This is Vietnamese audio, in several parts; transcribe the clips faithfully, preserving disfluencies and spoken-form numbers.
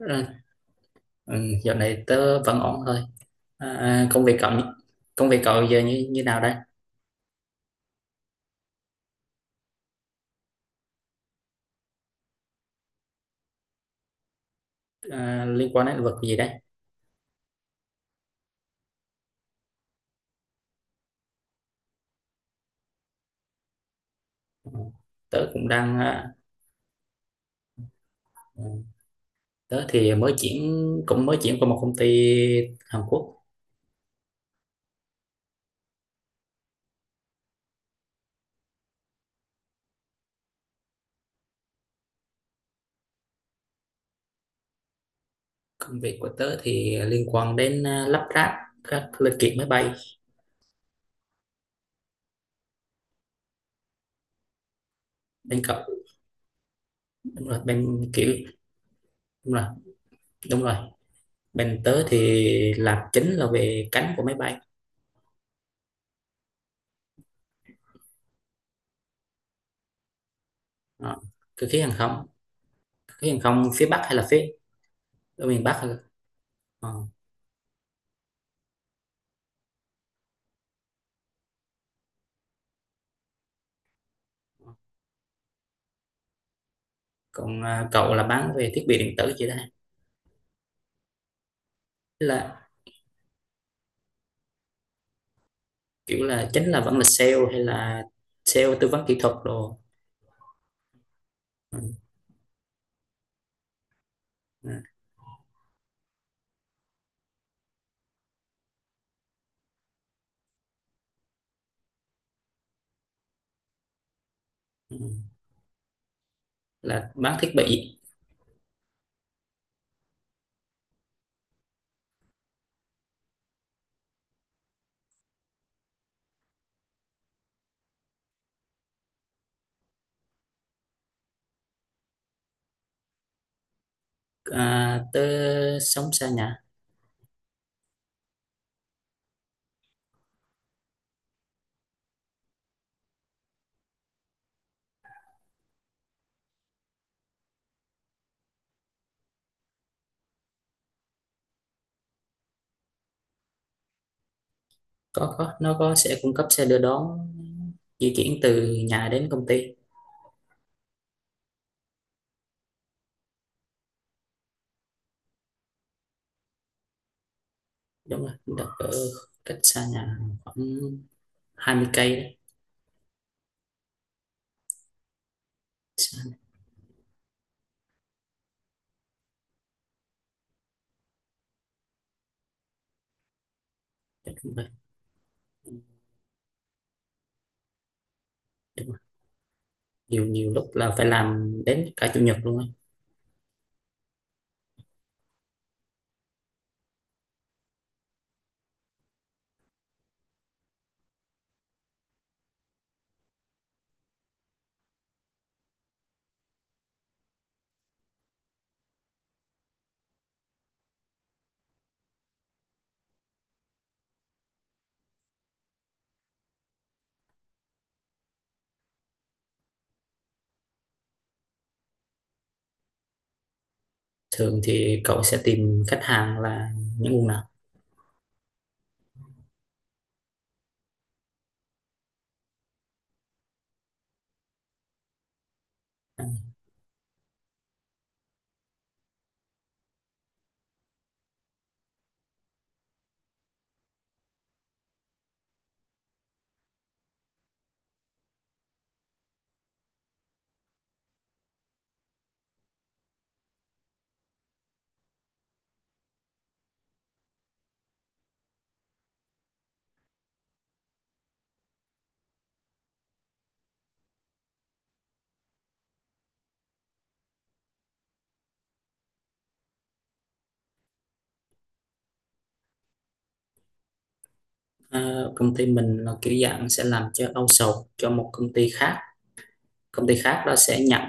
Ừ, ừ, dạo này tớ vẫn ổn thôi. À, à, công việc cậu Công việc cậu giờ như như nào đây? À, liên quan đến lĩnh vực gì đây? Tớ cũng đang à, ừ, Tớ thì mới chuyển cũng mới chuyển qua một công ty Hàn Quốc. Công việc của tớ thì liên quan đến à, lắp ráp các linh kiện máy bay. Bên cậu Đúng rồi, bên kiểu đúng rồi, đúng rồi. Bên tớ thì làm chính là về cánh của máy bay. Ờ, cơ khí hàng không, cơ khí hàng không phía Bắc hay là phía ở miền Bắc? Ờ. Còn à, cậu là bán về thiết bị điện tử chị ta là kiểu là chính là vẫn là sale hay là sale tư vấn kỹ thuật đồ. Ừ. Ừ, ừ. Là bán thiết bị. À, tới sống xa nhà. Có có nó có sẽ cung cấp xe đưa đón di chuyển từ nhà đến công ty. Đúng rồi, đặt ở cách xa nhà khoảng hai mươi cây đấy. Xa nhà, cách công ty. Đúng rồi. Nhiều nhiều lúc là phải làm đến cả chủ nhật luôn á. Thường thì cậu sẽ tìm khách hàng là những nguồn nào? Ờ, công ty mình là kiểu dạng sẽ làm cho outsource cho một công ty khác. Công ty khác đó sẽ nhận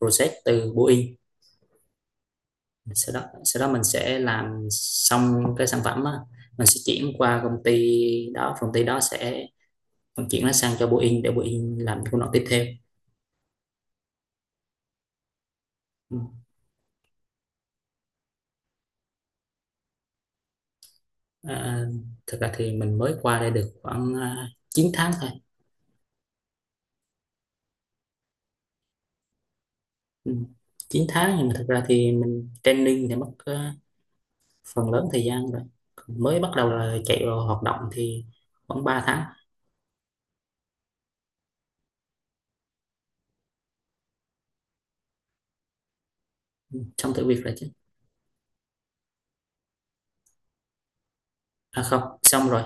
project từ Boeing. Sau đó sau đó mình sẽ làm xong cái sản phẩm á. Mình sẽ chuyển qua công ty đó. Công ty đó sẽ vận chuyển nó sang cho Boeing để Boeing làm công đoạn tiếp theo. Ừ. à, Thật ra thì mình mới qua đây được khoảng à, 9 tháng thôi. Ừ. 9 tháng nhưng mà thật ra thì mình training thì mất ờ, phần lớn thời gian rồi. Còn mới bắt đầu là chạy vào hoạt động thì khoảng ba tháng. Xong thử việc rồi chứ. À, không, xong rồi.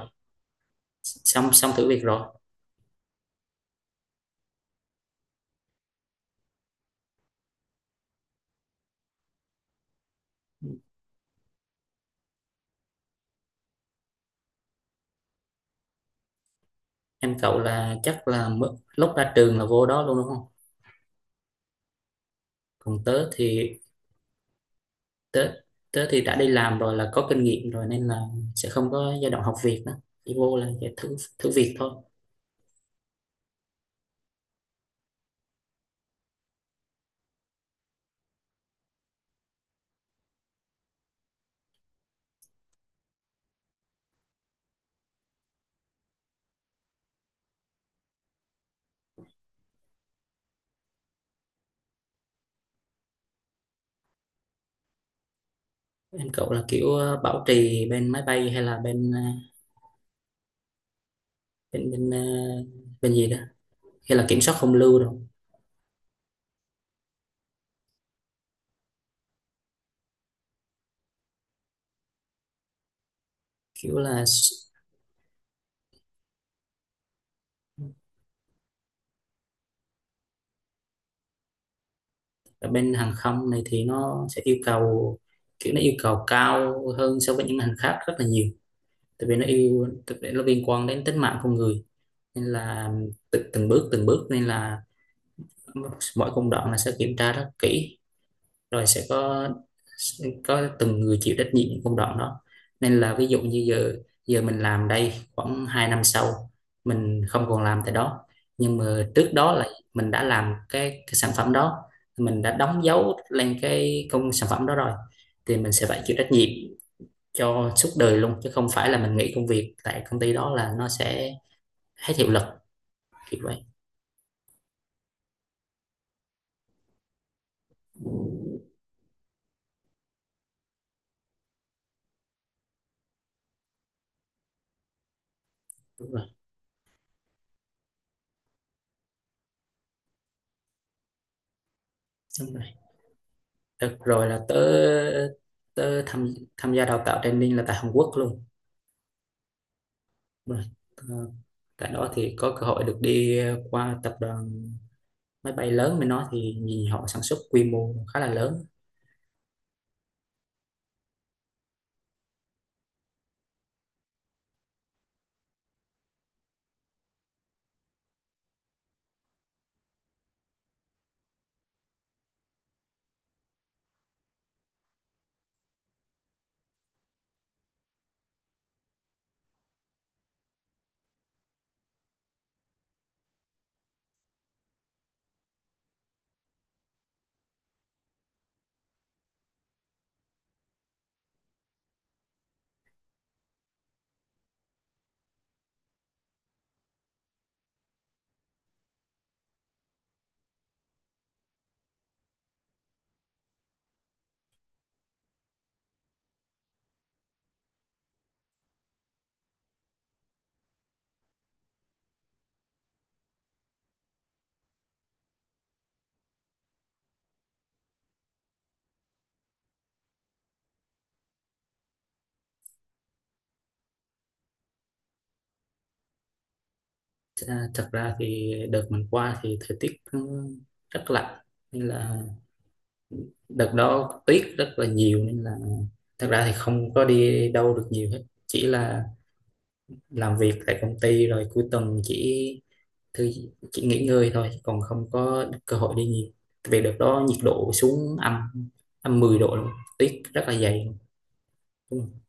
Xong xong thử việc rồi. Em cậu là chắc là mới- lúc ra trường là vô đó luôn đúng không? Còn tớ thì tớ tớ thì đã đi làm rồi là có kinh nghiệm rồi, nên là sẽ không có giai đoạn học việc nữa, chỉ vô là sẽ thử thử việc thôi. Em cậu là kiểu ờ, bảo trì bên máy bay hay là bên ờ, bên bên ờ, bên gì đó, hay là kiểm soát không lưu rồi? kiểu là s- Ở bên hàng không này thì nó sẽ yêu cầu kiểu nó yêu cầu cao hơn so với những ngành khác rất là nhiều, tại vì nó yêu tại vì nó liên quan đến tính mạng con người, nên là tự, từng bước từng bước, nên là mọi công đoạn là sẽ kiểm tra rất kỹ, rồi sẽ có có từng người chịu trách nhiệm những công đoạn đó. Nên là ví dụ như giờ giờ mình làm đây khoảng hai năm sau mình không còn làm tại đó, nhưng mà trước đó là mình đã làm cái, cái sản phẩm đó. Mình đã đóng dấu lên cái công sản phẩm đó rồi, thì mình sẽ phải chịu trách nhiệm cho suốt đời luôn, chứ không phải là mình nghỉ công việc tại công ty đó là nó sẽ hết hiệu lực, kiểu vậy. Đúng rồi, đúng rồi. Được rồi là tớ tớ tham tham gia đào tạo training là tại Hàn Quốc luôn. Rồi. ờ, Tại đó thì có cơ hội được đi qua tập đoàn máy bay lớn bên đó, thì nhìn họ sản xuất quy mô khá là lớn. Th- Thật ra thì đợt mình qua thì thời tiết rất lạnh, nên là đợt đó tuyết rất là nhiều, nên là thật ra thì không có đi đâu được nhiều hết. Chỉ là làm việc tại công ty, rồi cuối tuần chỉ thứ chỉ nghỉ ngơi thôi, còn không có cơ hội đi nhiều, vì đợt đó nhiệt độ xuống âm âm mười độ luôn. Tuyết rất là dày luôn.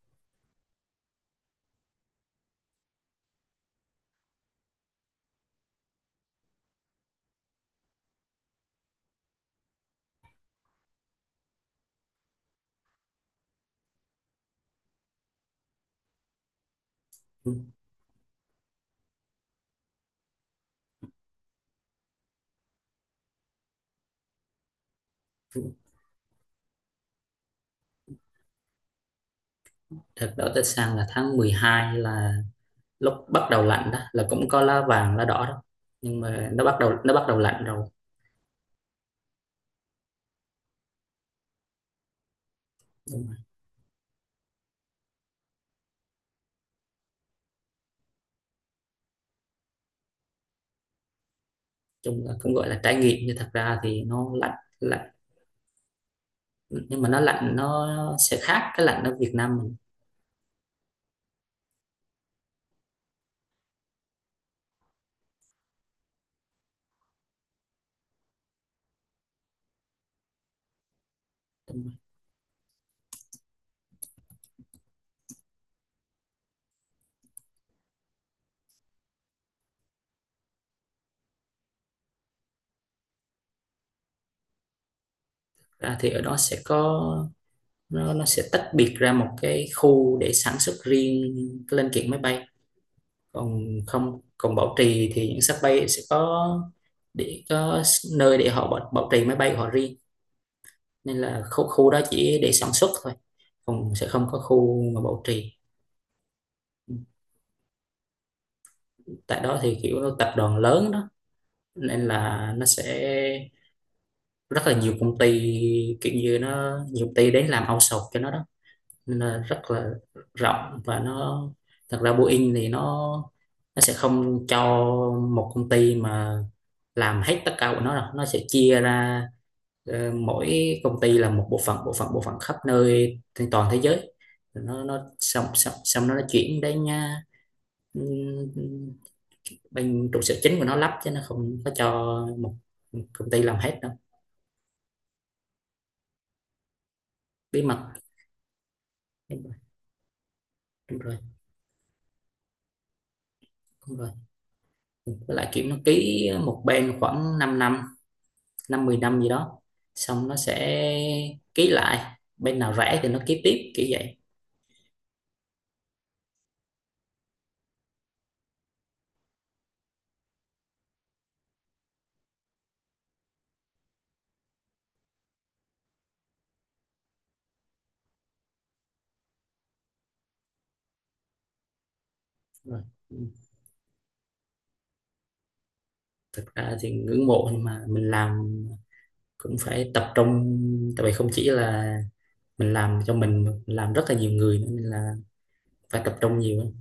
Thật đó, tới sang là tháng mười hai, là lúc bắt đầu lạnh đó, là cũng có lá vàng lá đỏ đó, nhưng mà nó bắt đầu nó bắt đầu lạnh rồi. Đúng rồi. Chung là cũng gọi là trải nghiệm, nhưng thật ra thì nó lạnh lạnh, nhưng mà nó lạnh nó sẽ khác cái lạnh ở Việt Nam mình. Đúng rồi. Ra thì ở đó sẽ có, rồi nó sẽ tách biệt ra một cái khu để sản xuất riêng cái linh kiện máy bay, còn không, còn bảo trì thì những sắp bay sẽ có để có nơi để họ bảo, bảo trì máy bay của họ riêng, nên là khu khu đó chỉ để sản xuất thôi, còn sẽ không có khu mà bảo trì. Tại đó thì kiểu tập đoàn lớn đó, nên là nó sẽ rất là nhiều công ty, kiểu như nó nhiều công ty đến làm outsource cho nó đó, nên là rất là rộng, và nó thật ra Boeing thì nó nó sẽ không cho một công ty mà làm hết tất cả của nó đâu, nó sẽ chia ra, ờ, mỗi công ty là một bộ phận bộ phận bộ phận khắp nơi trên toàn thế giới. Rồi nó nó xong xong, xong nó nó chuyển đến nha, ừm, bên trụ sở chính của nó lắp, chứ nó không có cho một công ty làm hết đâu. Bí mật. Đúng rồi, đúng rồi, đúng rồi. Với lại kiểu nó ký một bên khoảng 5 năm, năm mười năm gì đó, xong nó sẽ ký lại bên nào rẻ thì nó ký tiếp, kiểu vậy. Rồi. Thực ra thì ngưỡng mộ, nhưng mà mình làm cũng phải tập trung, tại vì không chỉ là mình làm cho mình mà mình làm rất là nhiều người nữa, nên là phải tập trung nhiều.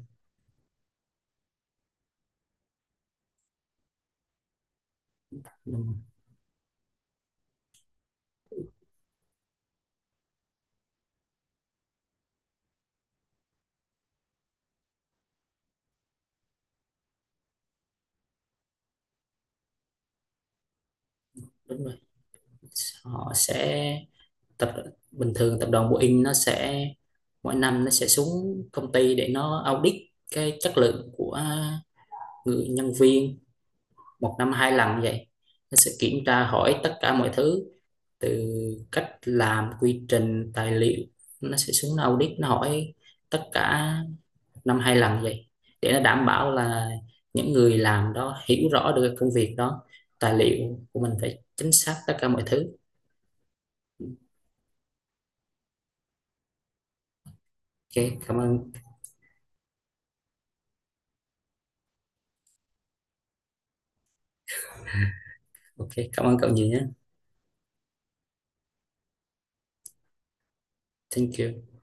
Đúng rồi. Họ sẽ tập bình thường tập đoàn Boeing nó sẽ mỗi năm nó sẽ xuống công ty để nó audit cái chất lượng của người nhân viên, một năm hai lần như vậy. Nó sẽ kiểm tra hỏi tất cả mọi thứ, từ cách làm, quy trình, tài liệu. Nó sẽ xuống audit, nó hỏi tất cả, năm hai lần như vậy, để nó đảm bảo là những người làm đó hiểu rõ được công việc đó, tài liệu của mình phải chính xác tất cả mọi thứ. Ok, cảm ơn. Ok, cảm ơn cậu nhiều nhé. Thank you.